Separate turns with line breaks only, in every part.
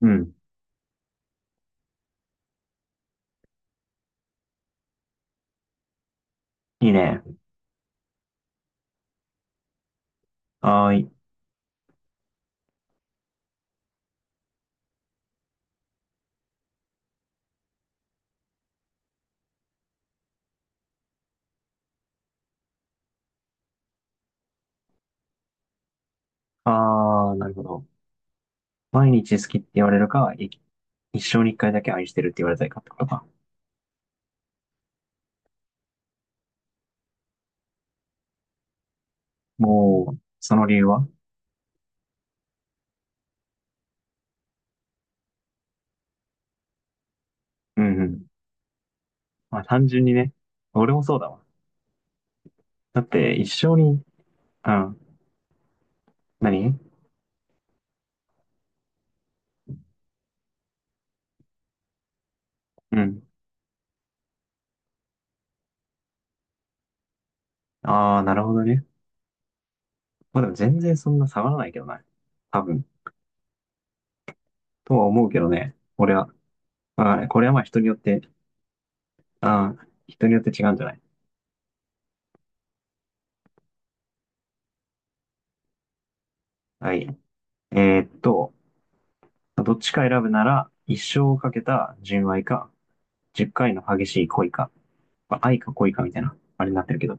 うん。いいね。はーい。あー、なるほど。毎日好きって言われるか、一生に一回だけ愛してるって言われたいかってことか。もう、その理由は？うんうん。まあ、単純にね。俺もそうだわ。だって、一生に、うん。何？うん。あー、なるほどね。まあでも全然そんな下がらないけどな。多分。とは思うけどね。俺は。これはまあ人によって、あー、人によって違うんじゃない？はい。えーっと、どっちか選ぶなら、一生をかけた純愛か、10回の激しい恋か、まあ愛か恋かみたいな、あれになってるけど。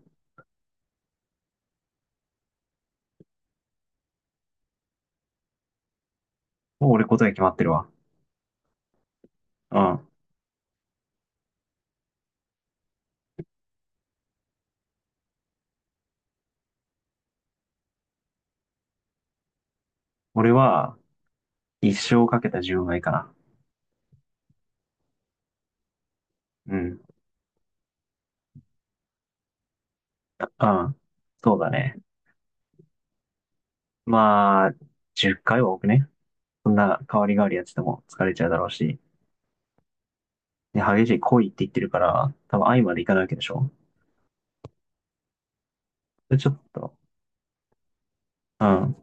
もう俺答え決まってるわ。うん。俺は、一生かけた純愛かな。うん。うん。そうだね。まあ、10回は多くね？そんな代わり代わりやってても疲れちゃうだろうし。で、激しい恋って言ってるから、多分愛までいかないわけでしょ。で、ちょっと、うん。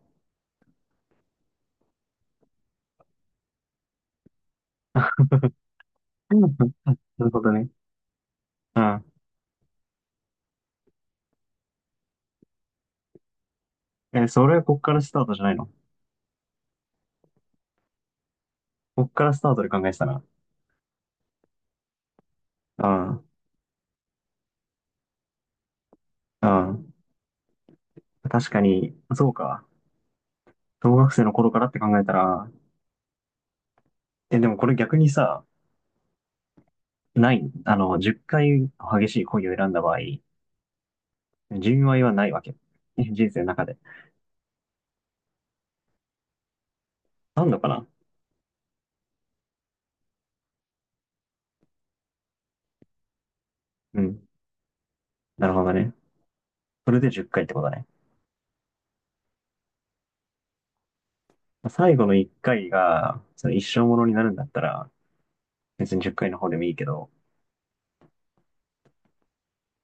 なるほどね。うん。え、それはこっからスタートじゃないの？こっからスタートで考えてたな。うん。うん。確かに、そうか。小学生の頃からって考えたら、え、でもこれ逆にさ、ない、あの、10回激しい恋を選んだ場合、純愛はないわけ。人生の中で。あんのかな？うん。なるほどね。それで10回っかいってことね。最後の1回が、その一生ものになるんだったら、別に10回の方でもいいけど、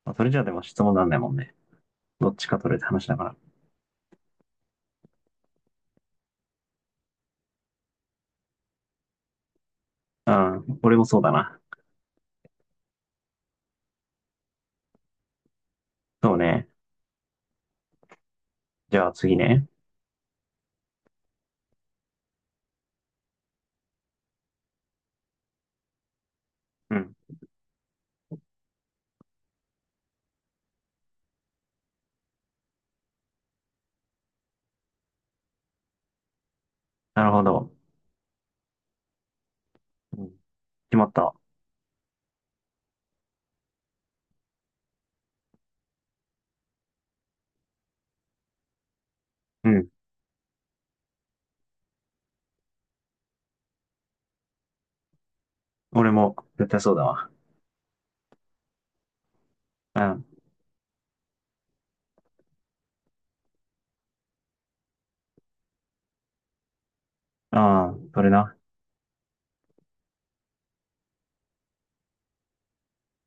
まあそれじゃあでも質問なんないもんね。どっちか取れって話だから。うん。俺もそうだな。そうね。じゃあ次ね。うん。なるほど。うん、決まった。うん。俺も絶対そうだわ。うん。ああ、それな。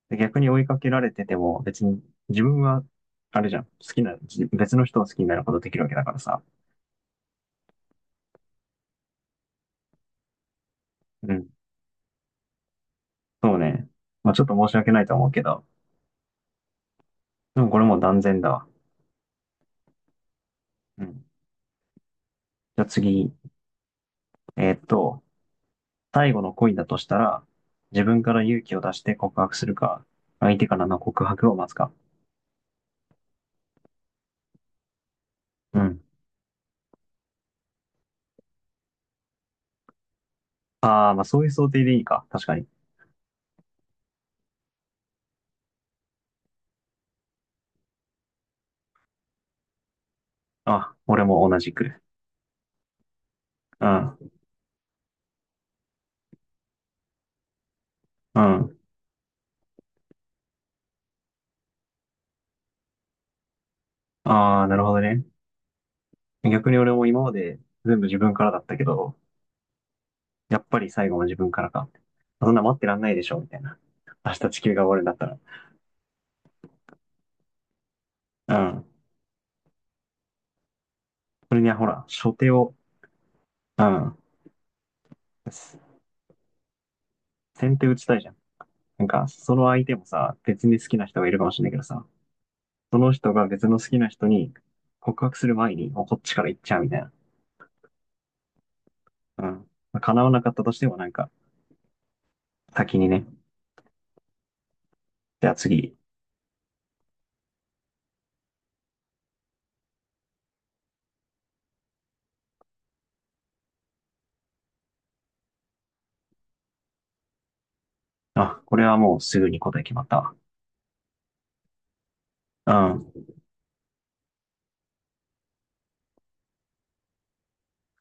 で逆に追いかけられてても、別に自分は、あれじゃん、好きな、別の人を好きになることできるわけだからさ。うん。そうね。まあちょっと申し訳ないとは思うけど、でもこれもう断然だわ。うん。じゃあ次、えーっと、最後の恋だとしたら、自分から勇気を出して告白するか、相手からの告白を待つか。うん。ああ、まあそういう想定でいいか。確かに。あ、俺も同じく。うん。うん。ああ、なるほどね。逆に俺も今まで全部自分からだったけど、やっぱり最後も自分からか。そんな待ってらんないでしょ、みたいな。明日地球が終わるんだったら。うん。それにはほら、初手を、うん。先手打ちたいじゃん。なんか、その相手もさ、別に好きな人がいるかもしれないけどさ、その人が別の好きな人に告白する前に、もうこっちから行っちゃうみたいな。うん。まあ叶わなかったとしてもなんか、先にね。じゃあ次。あ、これはもうすぐに答え決まったわ。うん。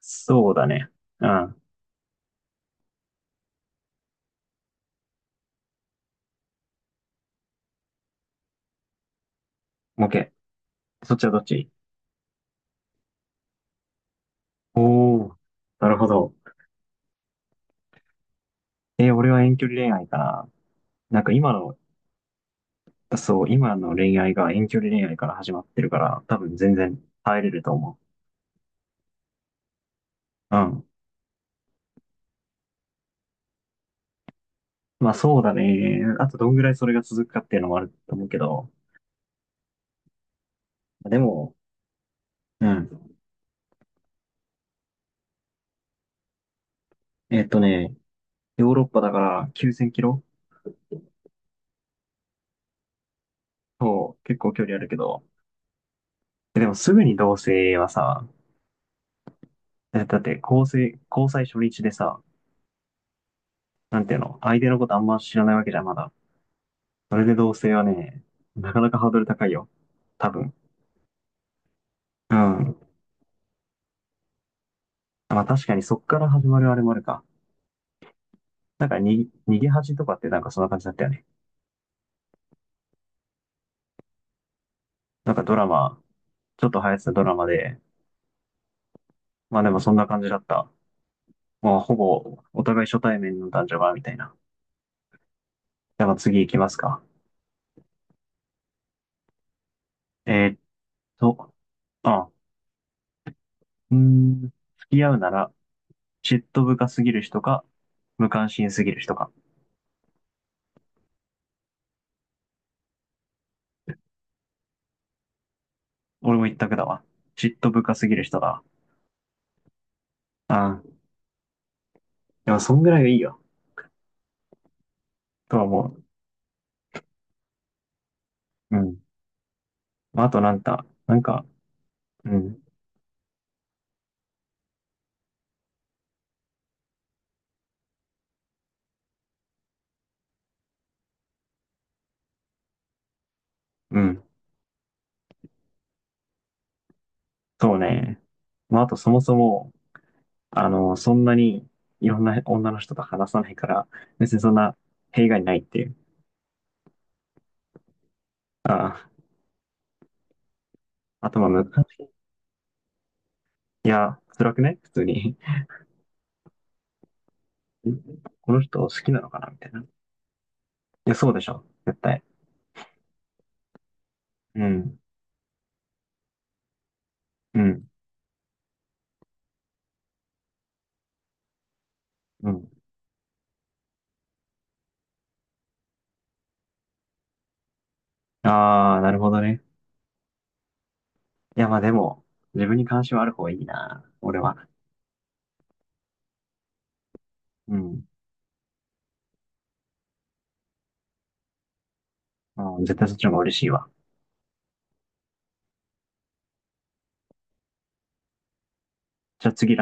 そうだね。うん。OK。そっちはどっち？おおー。なるほど。俺は遠距離恋愛かな。なんか今の、そう、今の恋愛が遠距離恋愛から始まってるから、多分全然耐えれると思う。うん。まあそうだね。あとどんぐらいそれが続くかっていうのもあると思うけど。でも、うん。えっとね、ヨーロッパだから9000キロ。そう、結構距離あるけど。でもすぐに同棲はさ、だって交際初日でさ、なんていうの、相手のことあんま知らないわけじゃん、まだ。それで同棲はね、なかなかハードル高いよ。多分。うん。まあ確かにそっから始まるあれもあるか。なんかに、逃げ恥とかってなんかそんな感じだったよね。なんかドラマ、ちょっと流行ってたドラマで、まあでもそんな感じだった。もうほぼお互い初対面の男女が、みたいな。じゃあ次行きますか。えーっと、あ、付き合うなら、嫉妬深すぎる人か、無関心すぎる人か。俺も一択だわ。嫉妬深すぎる人だわ。あー、でもそんぐらいがいいよ。とは思う。うん。まあ、あとなんか、うん、うん、そうね。まあ、あとそもそも、そんなにいろんな女の人と話さないから、別にそんな弊害ないっていう。ああ、あとまあ昔、いや、辛くね普通に。んこの人好きなのかなみたいな。いや、そうでしょ。絶対。うん、うん、うん。ああ、なるほどね。いや、まあでも、自分に関心はある方がいいな。俺は。うん。うん、絶対そっちの方が嬉しいわ。じゃあ次ラスト。